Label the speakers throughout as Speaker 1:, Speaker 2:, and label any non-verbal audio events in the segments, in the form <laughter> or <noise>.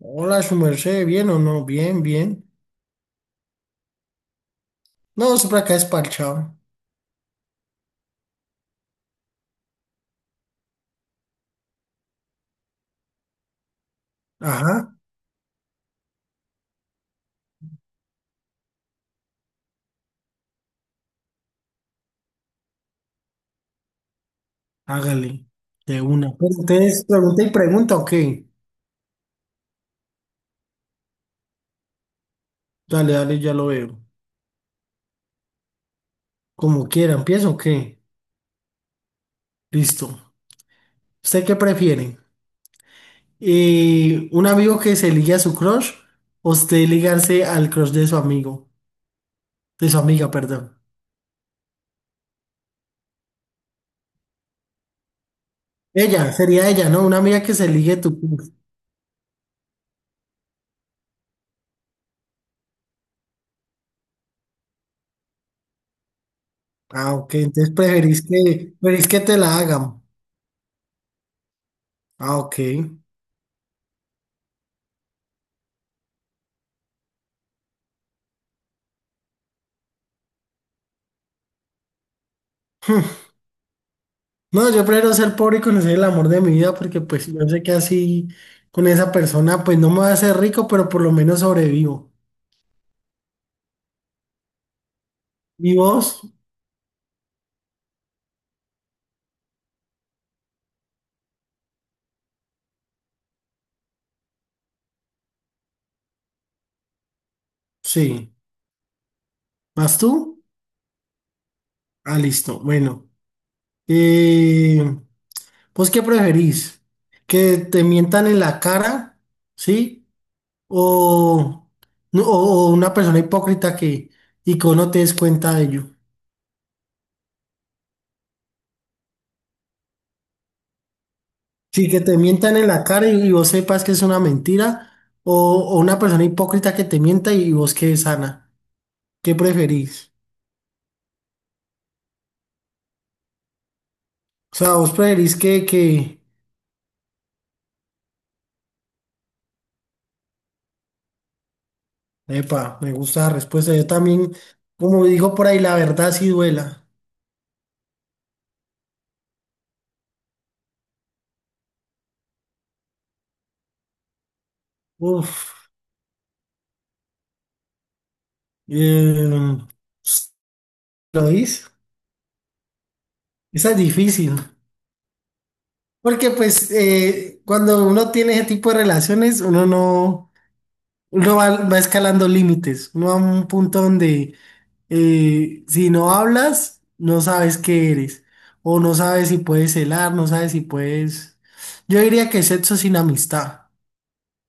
Speaker 1: Hola, su merced, ¿bien o no? Bien, bien. No, siempre acá es parchado. Ajá, hágale, de una. Pero ustedes pregunta y pregunta, ok. Dale, dale, ya lo veo. Como quiera, ¿empiezo o qué? Listo. ¿Usted qué prefiere? ¿Un amigo que se ligue a su crush o usted ligarse al crush de su amigo? De su amiga, perdón. Ella, sería ella, ¿no? Una amiga que se ligue a tu crush. Ah, ok, entonces preferís que te la hagan. Ah, ok. No, yo prefiero ser pobre y conocer el amor de mi vida porque pues yo sé que así con esa persona pues no me va a hacer rico, pero por lo menos sobrevivo. ¿Y vos? Sí. ¿Más tú? Ah, listo. Bueno. Eh, ¿Vos qué preferís? ¿Que te mientan en la cara? ¿Sí? ¿O, o una persona hipócrita que y que vos no te des cuenta de ello? Sí, que te mientan en la cara y vos sepas que es una mentira, o, o una persona hipócrita que te mienta y vos quedes sana. ¿Qué preferís? O sea, que... Epa, me gusta la respuesta. Yo también, como digo por ahí, la verdad sí duela. Uf, eh, ¿Lo dices? Esa es difícil. Porque pues cuando uno tiene ese tipo de relaciones, uno no... va escalando límites, uno va a un punto donde si no hablas, no sabes qué eres, o no sabes si puedes celar, no sabes si puedes... Yo diría que sexo sin amistad,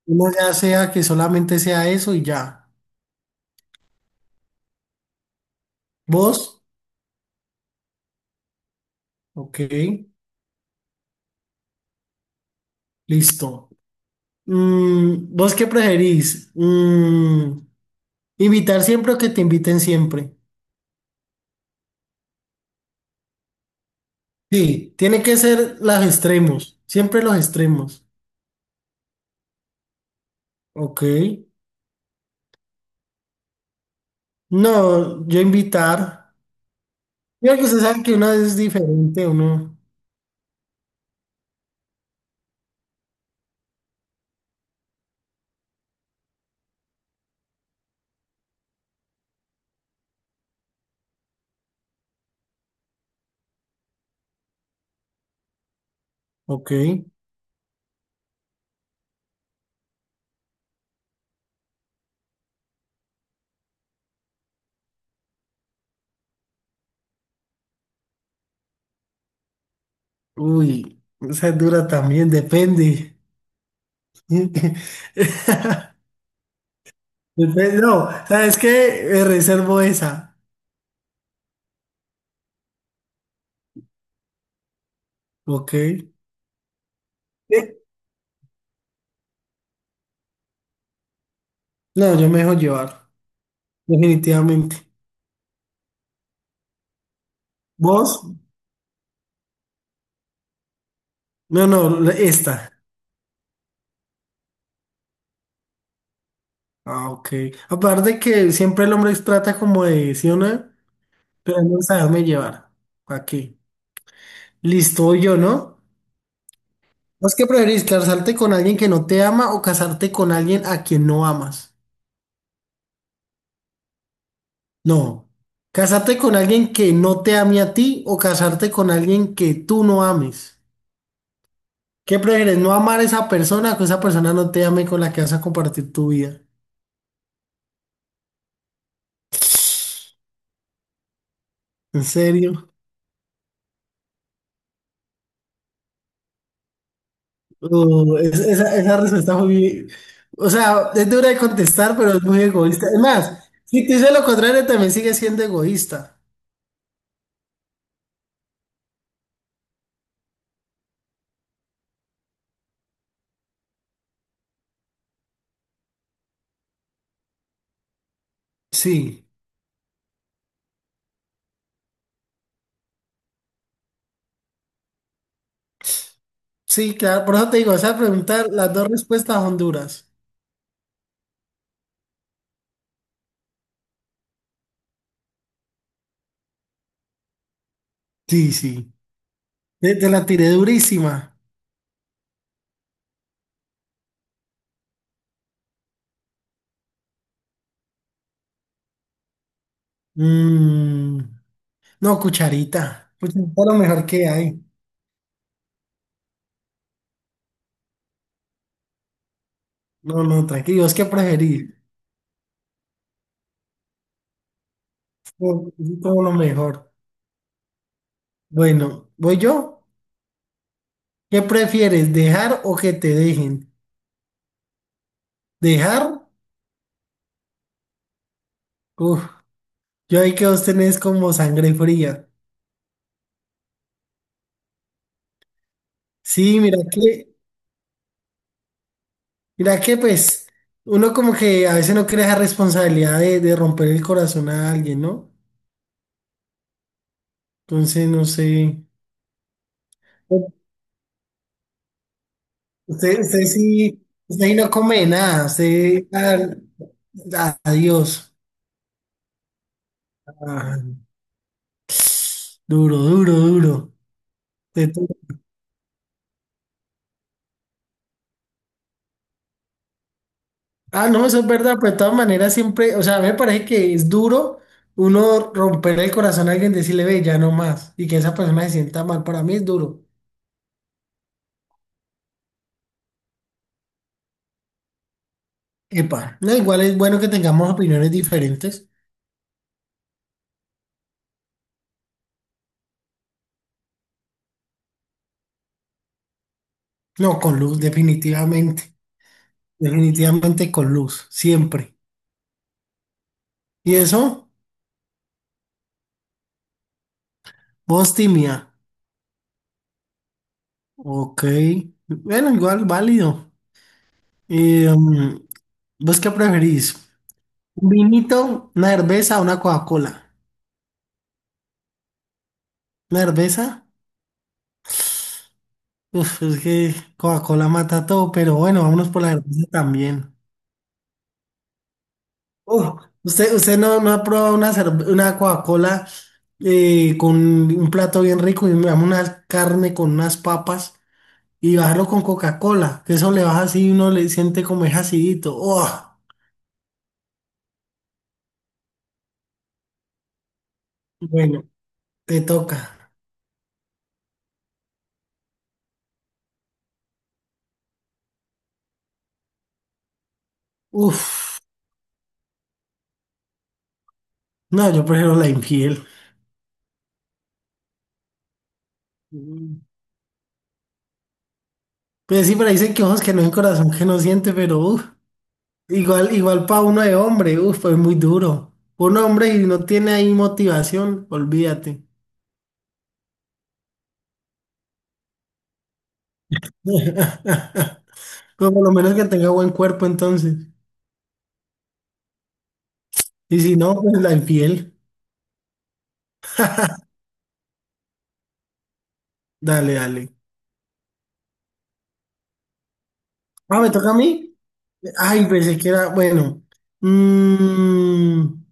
Speaker 1: uno ya sea que solamente sea eso y ya. ¿Vos? Ok, listo. ¿Vos qué preferís? ¿Invitar siempre o que te inviten siempre? Sí, tiene que ser los extremos, siempre los extremos. Ok. No, yo invitar. Mira que usted sabe que una es diferente, uno. Ok. Uy, esa es dura también, depende. <laughs> Depende, no, ¿sabes qué? Me reservo esa. Ok. No, yo me dejo llevar, definitivamente. ¿Vos? No, no, esta. Ah, ok. Aparte que siempre el hombre trata como de, ¿sí o no? Pero no saberme llevar. Aquí. Listo, voy yo, ¿no? ¿Vos qué preferís, casarte con alguien que no te ama o casarte con alguien a quien no amas? No. ¿Casarte con alguien que no te ame a ti o casarte con alguien que tú no ames? ¿Qué prefieres, no amar a esa persona o que esa persona no te ame con la que vas a compartir tu vida? ¿En serio? Esa respuesta fue muy... O sea, es dura de contestar, pero es muy egoísta. Es más, si te dice lo contrario, también sigue siendo egoísta. Sí, sí, claro. Por eso te digo, esa pregunta, las dos respuestas son duras. Sí, sí. Te la tiré durísima. Mm, no, cucharita. Cucharita es lo mejor que hay. No, no, tranquilo. ¿Vos qué preferís? Como, como lo mejor. Bueno, ¿voy yo? ¿Qué prefieres, dejar o que te dejen? ¿Dejar? Uf, yo ahí que vos tenés como sangre fría. Sí, mira que pues, uno como que a veces no quiere esa responsabilidad de romper el corazón a alguien, ¿no? Entonces, no sé. Usted sí, usted ahí no come nada, usted, ah, adiós. Ah, duro, duro, duro. De to- Ah, no, eso es verdad, pero de todas maneras siempre, o sea, a mí me parece que es duro uno romper el corazón a alguien, decirle, ve, ya no más, y que esa persona se sienta mal, para mí es duro. Epa, no, igual es bueno que tengamos opiniones diferentes. No, con luz, definitivamente, definitivamente con luz, siempre. ¿Y eso? Vos, timia. Ok, bueno, igual válido. Eh, mm, ¿Vos qué preferís? ¿Un vinito, una cerveza o una Coca-Cola? ¿Una cerveza? Uf, es que Coca-Cola mata todo, pero bueno, vámonos por la cerveza también. Usted no ha probado una Coca-Cola con un plato bien rico y digamos, una carne con unas papas y bajarlo con Coca-Cola? Que eso le baja así y uno le siente como es acidito. Oh, bueno, te toca. Uf, no, yo prefiero la infiel. Pues sí, pero dicen que ojos que no ven, corazón que no siente, pero uf, igual, igual para uno de hombre, uf, pues muy duro. Un hombre y no tiene ahí motivación, olvídate. <laughs> Pero por lo menos que tenga buen cuerpo entonces. Y si no, pues la infiel. Dale, dale. Ah, ¿me toca a mí? Ay, pensé que era, bueno. Mm,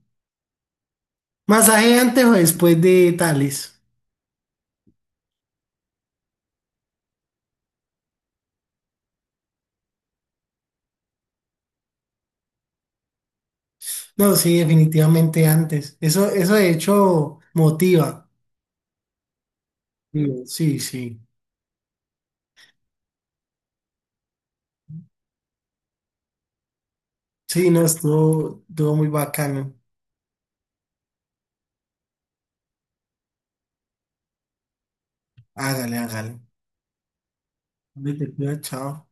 Speaker 1: ¿Masaje antes o después de tales? No, sí, definitivamente antes. Eso de hecho motiva. Sí, sí. Sí, no, estuvo, estuvo muy bacano. Hágale, hágale. Vete, cuida, chao.